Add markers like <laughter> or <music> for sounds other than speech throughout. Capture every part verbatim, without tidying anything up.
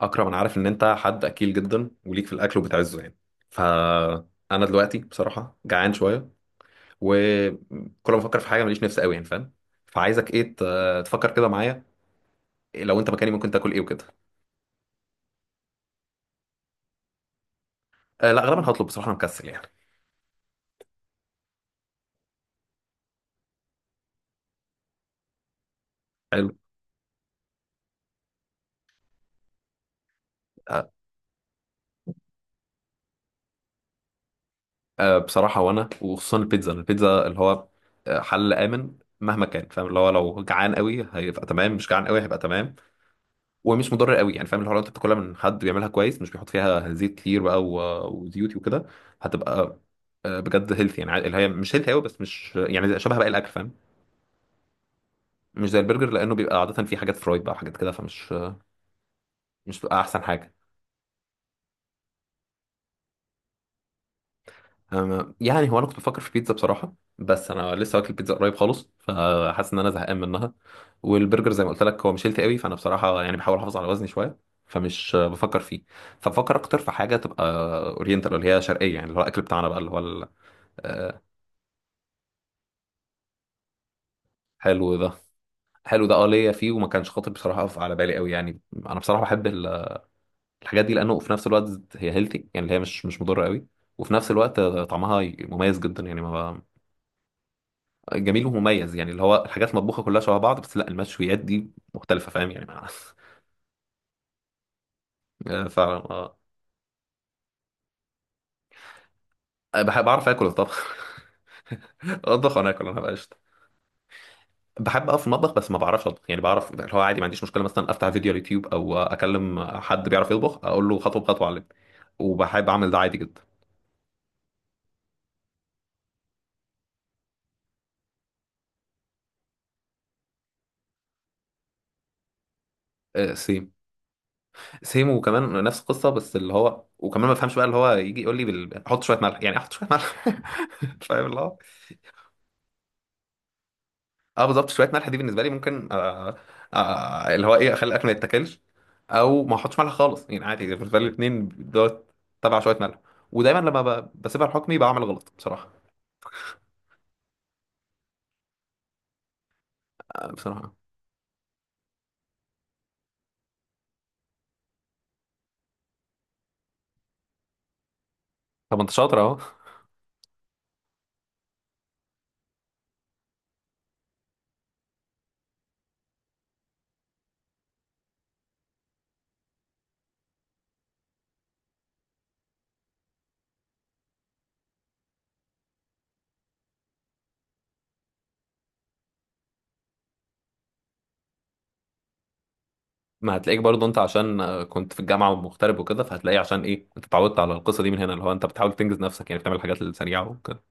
اكرم، انا عارف ان انت حد اكيل جدا وليك في الاكل وبتعزه يعني. فانا دلوقتي بصراحه جعان شويه، وكل ما افكر في حاجه ماليش نفس قوي، يعني فاهم؟ فعايزك ايه، ت- تفكر كده معايا. إيه لو انت مكاني ممكن تاكل ايه وكده؟ أه لا، غالبا هطلب بصراحه، انا مكسل يعني. حلو. أه. آه، بصراحه وانا وخصوصا البيتزا البيتزا اللي هو آه، حل امن مهما كان، فاهم؟ اللي هو لو جعان قوي هيبقى تمام، مش جعان قوي هيبقى تمام. ومش مضر قوي، يعني فاهم الحوار، انت بتاكلها من حد بيعملها كويس، مش بيحط فيها زيت كتير بقى و- وزيوت وكده. هتبقى آه، بجد هيلثي، يعني عاد- اللي هي مش هيلثي قوي، بس مش يعني زي- شبه باقي الاكل فاهم. مش زي البرجر، لانه بيبقى عاده فيه حاجات فرايد بقى وحاجات كده، فمش مش بتبقى احسن حاجه. أم، يعني هو انا كنت بفكر في بيتزا بصراحه، بس انا لسه واكل بيتزا قريب خالص، فحاسس ان انا زهقان منها. والبرجر زي ما قلت لك هو مش هيلثي قوي، فانا بصراحه يعني بحاول احافظ على وزني شويه. فمش آه، بفكر فيه. فبفكر اكتر في حاجه تبقى اورينتال، اللي هي شرقيه، يعني اللي هو الاكل بتاعنا بقى اللي هو آه، حلو ده. حلو ده، اه ليا فيه، وما كانش خاطر بصراحه اقف على بالي قوي، يعني انا بصراحه بحب ال- الحاجات دي، لانه في نفس الوقت هي هيلثي، يعني اللي هي مش مش مضره قوي. وفي نفس الوقت طعمها مميز جدا يعني، ما جميل ومميز، يعني اللي هو الحاجات المطبوخه كلها شبه بعض، بس لا، المشويات دي مختلفه، فاهم يعني؟ <laughs> آه، فعلا، اه. بحب اعرف اكل طبعا. <laughs> اطبخ وانا اكل، انا بقى قشطه. بحب اقف في المطبخ بس ما بعرفش اطبخ، يعني بعرف اللي هو عادي، ما عنديش مشكله، مثلا افتح فيديو على اليوتيوب او اكلم حد بيعرف يطبخ اقول له خطوه بخطوه علمني، وبحب اعمل ده عادي جدا. آه، سيم. سيم، وكمان نفس القصه، بس اللي هو وكمان ما بفهمش بقى، اللي هو يجي يقول لي بال... حط شويه ملح، يعني احط شويه ملح. <laughs> فاهم اللي هو. اه بالظبط، شويه ملح دي بالنسبه لي ممكن آه آه آه، اللي هو ايه اخلي الاكل ما يتاكلش، او ما احطش ملح خالص، يعني عادي بالنسبه لي الاثنين دوت. تبع شويه ملح. ودايما لما ب... بسيبها لحكمي بعمل غلط بصراحه. آه، بصراحه. طب انت شاطر اهو. ما هتلاقيك برضه انت، عشان آه، كنت في الجامعه ومغترب وكده، فهتلاقيه، عشان ايه انت اتعودت على القصه دي من هنا، اللي هو انت بتحاول تنجز نفسك، يعني بتعمل الحاجات السريعه وكده.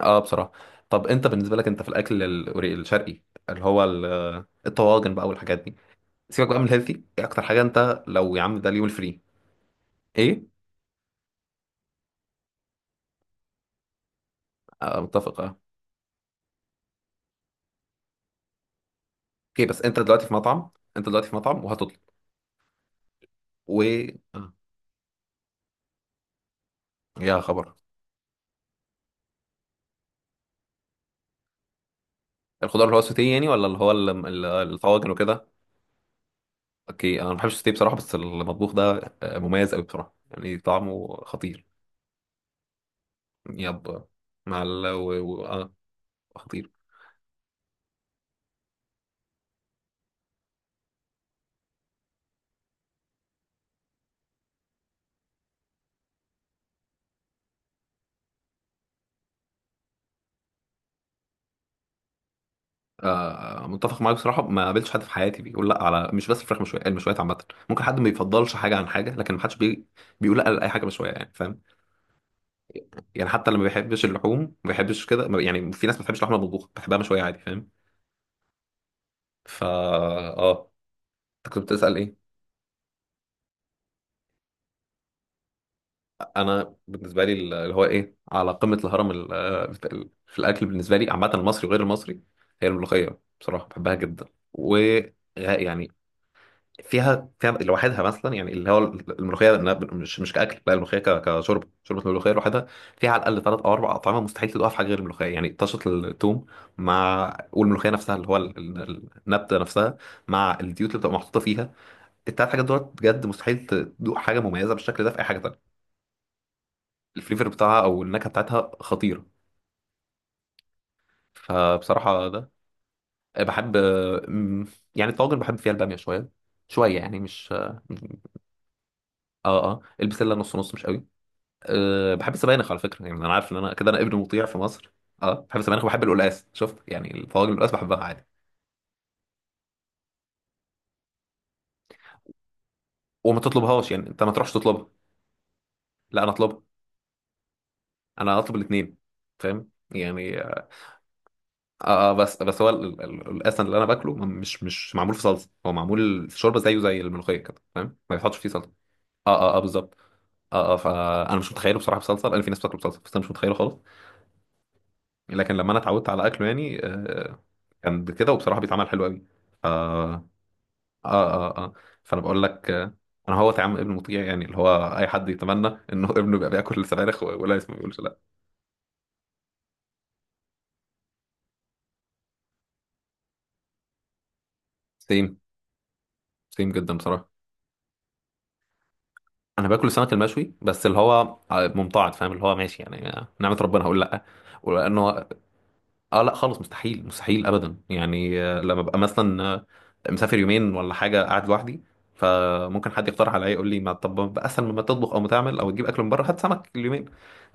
اه بصراحه. طب انت بالنسبه لك انت في الاكل ال- الشرقي، اللي هو ال- آه، الطواجن بقى والحاجات دي، سيبك بقى من الهيلثي، ايه اكتر حاجه انت لو يا عم ده اليوم الفري؟ ايه؟ آه متفق، اه اوكي. بس انت دلوقتي في مطعم. انت دلوقتي في مطعم وهتطلب. و آه. يا خبر. الخضار اللي هو السوتيه يعني، ولا اللي هو ال- ال- الطواجن وكده؟ اوكي، انا ما بحبش الستيك بصراحه، بس المطبوخ ده آه، مميز قوي بصراحه، يعني طعمه خطير. يب. مع ال و... و... آه خطير. آه متفق معاك بصراحه، ما قابلتش حد في حياتي بيقول لا، على مش بس الفراخ مشويه، المشويات عامه. ممكن حد ما بيفضلش حاجه عن حاجه، لكن ما حدش بي... بيقول لا لاي حاجه مشويه يعني، فاهم؟ يعني حتى اللي ما بيحبش اللحوم، ما بيحبش كده، ما- يعني في ناس ما بتحبش اللحمه المطبوخه بتحبها مشويه عادي، فاهم؟ فا اه، انت كنت بتسال ايه؟ انا بالنسبه لي اللي هو ايه على قمه الهرم ال- ال- في الاكل بالنسبه لي عامه، المصري وغير المصري، هي الملوخيه، بصراحه بحبها جدا. و يعني فيها فيها لوحدها مثلا، يعني اللي هو الملوخيه إنها مش مش كاكل، لا الملوحيه كشرب شوربه، الملوخيه لوحدها فيها على الاقل ثلاث او اربع اطعمه، مستحيل تدوقها في حاجه غير الملوخيه، يعني طشه الثوم مع والملوخيه نفسها، اللي هو ال- ال- النبته نفسها، مع الزيوت اللي بتبقى محطوطه فيها. التلات حاجات دول بجد مستحيل تدوق حاجه مميزه بالشكل ده في اي حاجه تانيه. الفليفر بتاعها او النكهه بتاعتها خطيره. فبصراحه ده بحب أم، يعني الطواجن بحب فيها الباميه شويه، شويه يعني مش اه. اه البسله نص نص مش قوي. أه بحب السبانخ على فكره، يعني انا عارف ان انا كده انا ابن مطيع في مصر. اه بحب السبانخ وبحب القلقاس، شفت يعني، الطواجن القلقاس بحبها عادي. وما تطلبهاش يعني، انت ما تروحش تطلبها؟ لا انا اطلبها. انا اطلب الاثنين. فاهم يعني، اه. آه، بس بس هو ال- ال- القلقاس اللي انا باكله م- مش مش معمول في صلصه، هو معمول في شوربه، زيه زي الملوخيه كده، فاهم؟ ما بيتحطش فيه صلصه. اه اه اه بالظبط. اه اه فانا مش متخيله بصراحه بصلصه، لان في ناس بتاكله بصلصه بس انا مش متخيله خالص. لكن لما انا اتعودت على اكله يعني آه، كان كده، وبصراحه بيتعمل حلو قوي. اه اه. اه اه. فانا بقول لك آه، انا هو طعم ابن مطيع، يعني اللي هو اي حد يتمنى انه <laughs> ابنه يبقى بياكل سبانخ، و- ولا اسمه ما بيقولش لا. سيم. سيم جدا بصراحه. انا باكل السمك المشوي، بس اللي هو آه، ممتعض، فاهم؟ اللي هو ماشي يعني، آه، نعمه ربنا، هقول لا. ولانه اه لا خالص، مستحيل مستحيل ابدا، يعني آه، لما ابقى مثلا آه، مسافر يومين ولا حاجه، قاعد لوحدي، فممكن حد يقترح عليا يقول لي، ما طب ما بقى اسهل، مما تطبخ او ما تعمل او تجيب اكل من بره، هات سمك اليومين.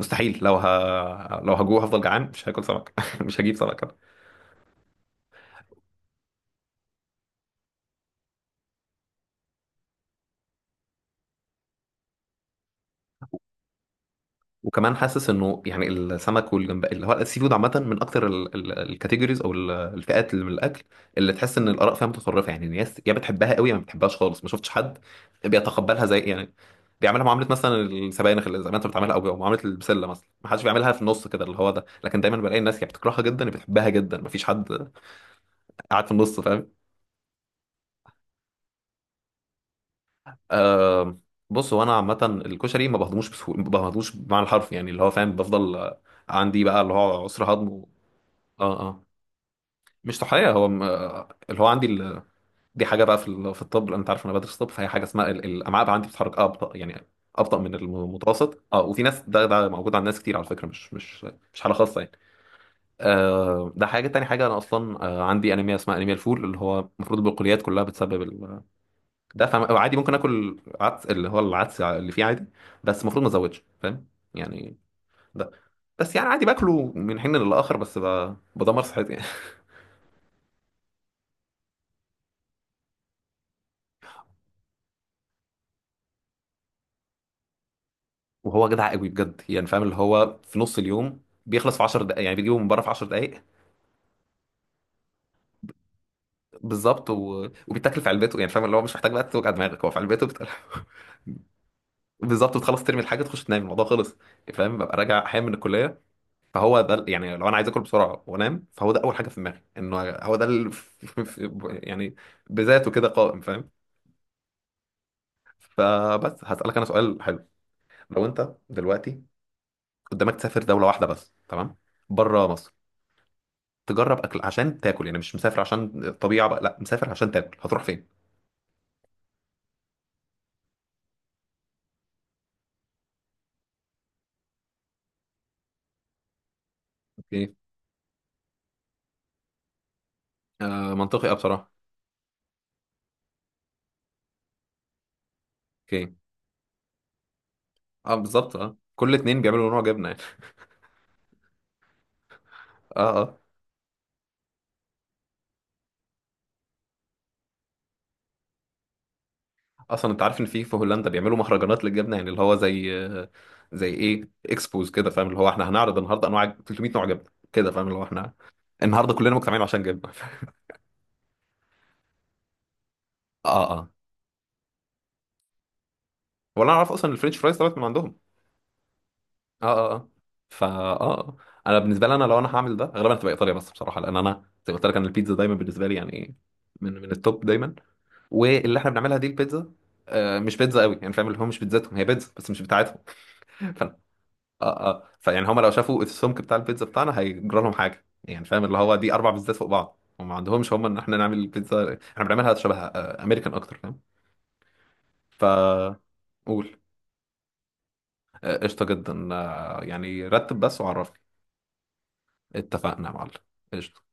مستحيل، لو ه... لو هجوع هفضل جعان، مش هاكل سمك. <laughs> مش هجيب سمك. وكمان حاسس انه يعني السمك والجمبري اللي هو السي فود عامه، من اكتر ال- ال- الكاتيجوريز، او ال- الفئات اللي من الاكل، اللي تحس ان الاراء فيها متطرفه، يعني الناس يا بتحبها قوي يا ما بتحبهاش خالص، ما شفتش حد بيتقبلها زي، يعني بيعملها معامله مثلا السبانخ، اللي زي ما انت بتعملها، او معامله البسله مثلا، ما حدش بيعملها في النص كده، اللي هو ده، لكن دايما بلاقي الناس يا بتكرهها جدا يا بتحبها جدا، ما فيش حد قاعد في النص، فاهم؟ آه، بص هو انا عامه، الكشري ما بهضموش بسهوله، ما بهضموش بمعنى الحرف، يعني اللي هو فاهم، بفضل آه، عندي بقى اللي هو عسر هضم و... اه آه. مش طحالية، هو م... اللي هو عندي ال... دي حاجة بقى في ال... في الطب، لأن أنت عارف أنا بدرس طب، فهي حاجة اسمها ال... الأمعاء بقى عندي بتتحرك أبطأ، يعني أبطأ من المتوسط، أه وفي ناس ده ده موجود عند ناس كتير على فكرة، مش مش مش حالة خاصة يعني. آه ده حاجة تاني، حاجة أنا أصلا آه عندي أنيميا، اسمها أنيميا الفول، اللي هو المفروض البقوليات كلها بتسبب ال... ده، فعادي ممكن آكل عدس، اللي هو العدس اللي فيه عادي، بس المفروض ما أزودش، فاهم؟ يعني ده، بس يعني عادي باكله من حين للآخر، بس ب... بدمر صحتي يعني. وهو جدع قوي بجد، يعني فاهم اللي هو في نص اليوم بيخلص في 10 دقائق، يعني بيجيبه من بره في 10 دقائق. بالظبط، و... وبيتاكل في علبته، يعني فاهم اللي هو مش محتاج بقى توجع دماغك، هو في علبته بتقل... <laughs> بالظبط، بتخلص ترمي الحاجه تخش تنام الموضوع خلص. يعني فاهم، ببقى راجع احيانا من الكليه، فهو ده ال- يعني لو انا عايز اكل بسرعه وانام، فهو ده اول حاجه في دماغي انه هو ده ال... <laughs> يعني بذاته كده قائم، فاهم؟ فبس هسألك انا سؤال حلو. لو انت دلوقتي قدامك تسافر دوله واحده بس، تمام؟ بره مصر، تجرب اكل عشان تاكل، يعني مش مسافر عشان الطبيعه بقى، لا مسافر عشان تاكل، هتروح فين؟ اوكي. آه منطقي، اه بصراحه. اوكي اه بالظبط، اه كل اتنين بيعملوا نوع جبنه يعني. <laughs> اه اه. اصلا انت عارف ان في في هولندا بيعملوا مهرجانات للجبنه، يعني اللي هو زي آه، زي ايه، اكسبوز كده، فاهم؟ اللي هو احنا هنعرض النهارده انواع تلت مية نوع جبنه كده، فاهم؟ اللي هو احنا النهارده كلنا مجتمعين عشان جبنه. <laughs> اه اه. ولا انا اعرف اصلا الفرنش فرايز طلعت من عندهم. اه. اه اه. فا اه آه. انا بالنسبه لي، انا لو انا هعمل ده غالبا هتبقى ايطاليا بس بصراحه، لان انا زي ما قلت لك انا البيتزا دايما بالنسبه لي يعني من من التوب دايما، واللي احنا بنعملها دي البيتزا آه مش بيتزا قوي يعني، فاهم؟ اللي هو مش بيتزاتهم، هي بيتزا بس مش بتاعتهم. <laughs> فانا اه، اه فيعني هم لو شافوا السمك بتاع البيتزا بتاعنا هيجرى لهم حاجه، يعني فاهم اللي هو دي اربع بيتزات فوق بعض، هم ما عندهمش، هم ان احنا نعمل البيتزا احنا بنعملها شبه آه امريكان اكتر، فاهم؟ ف قول، آه، قشطه جدا، آه يعني رتب بس وعرفني. اتفقنا يا معلم. قشطة.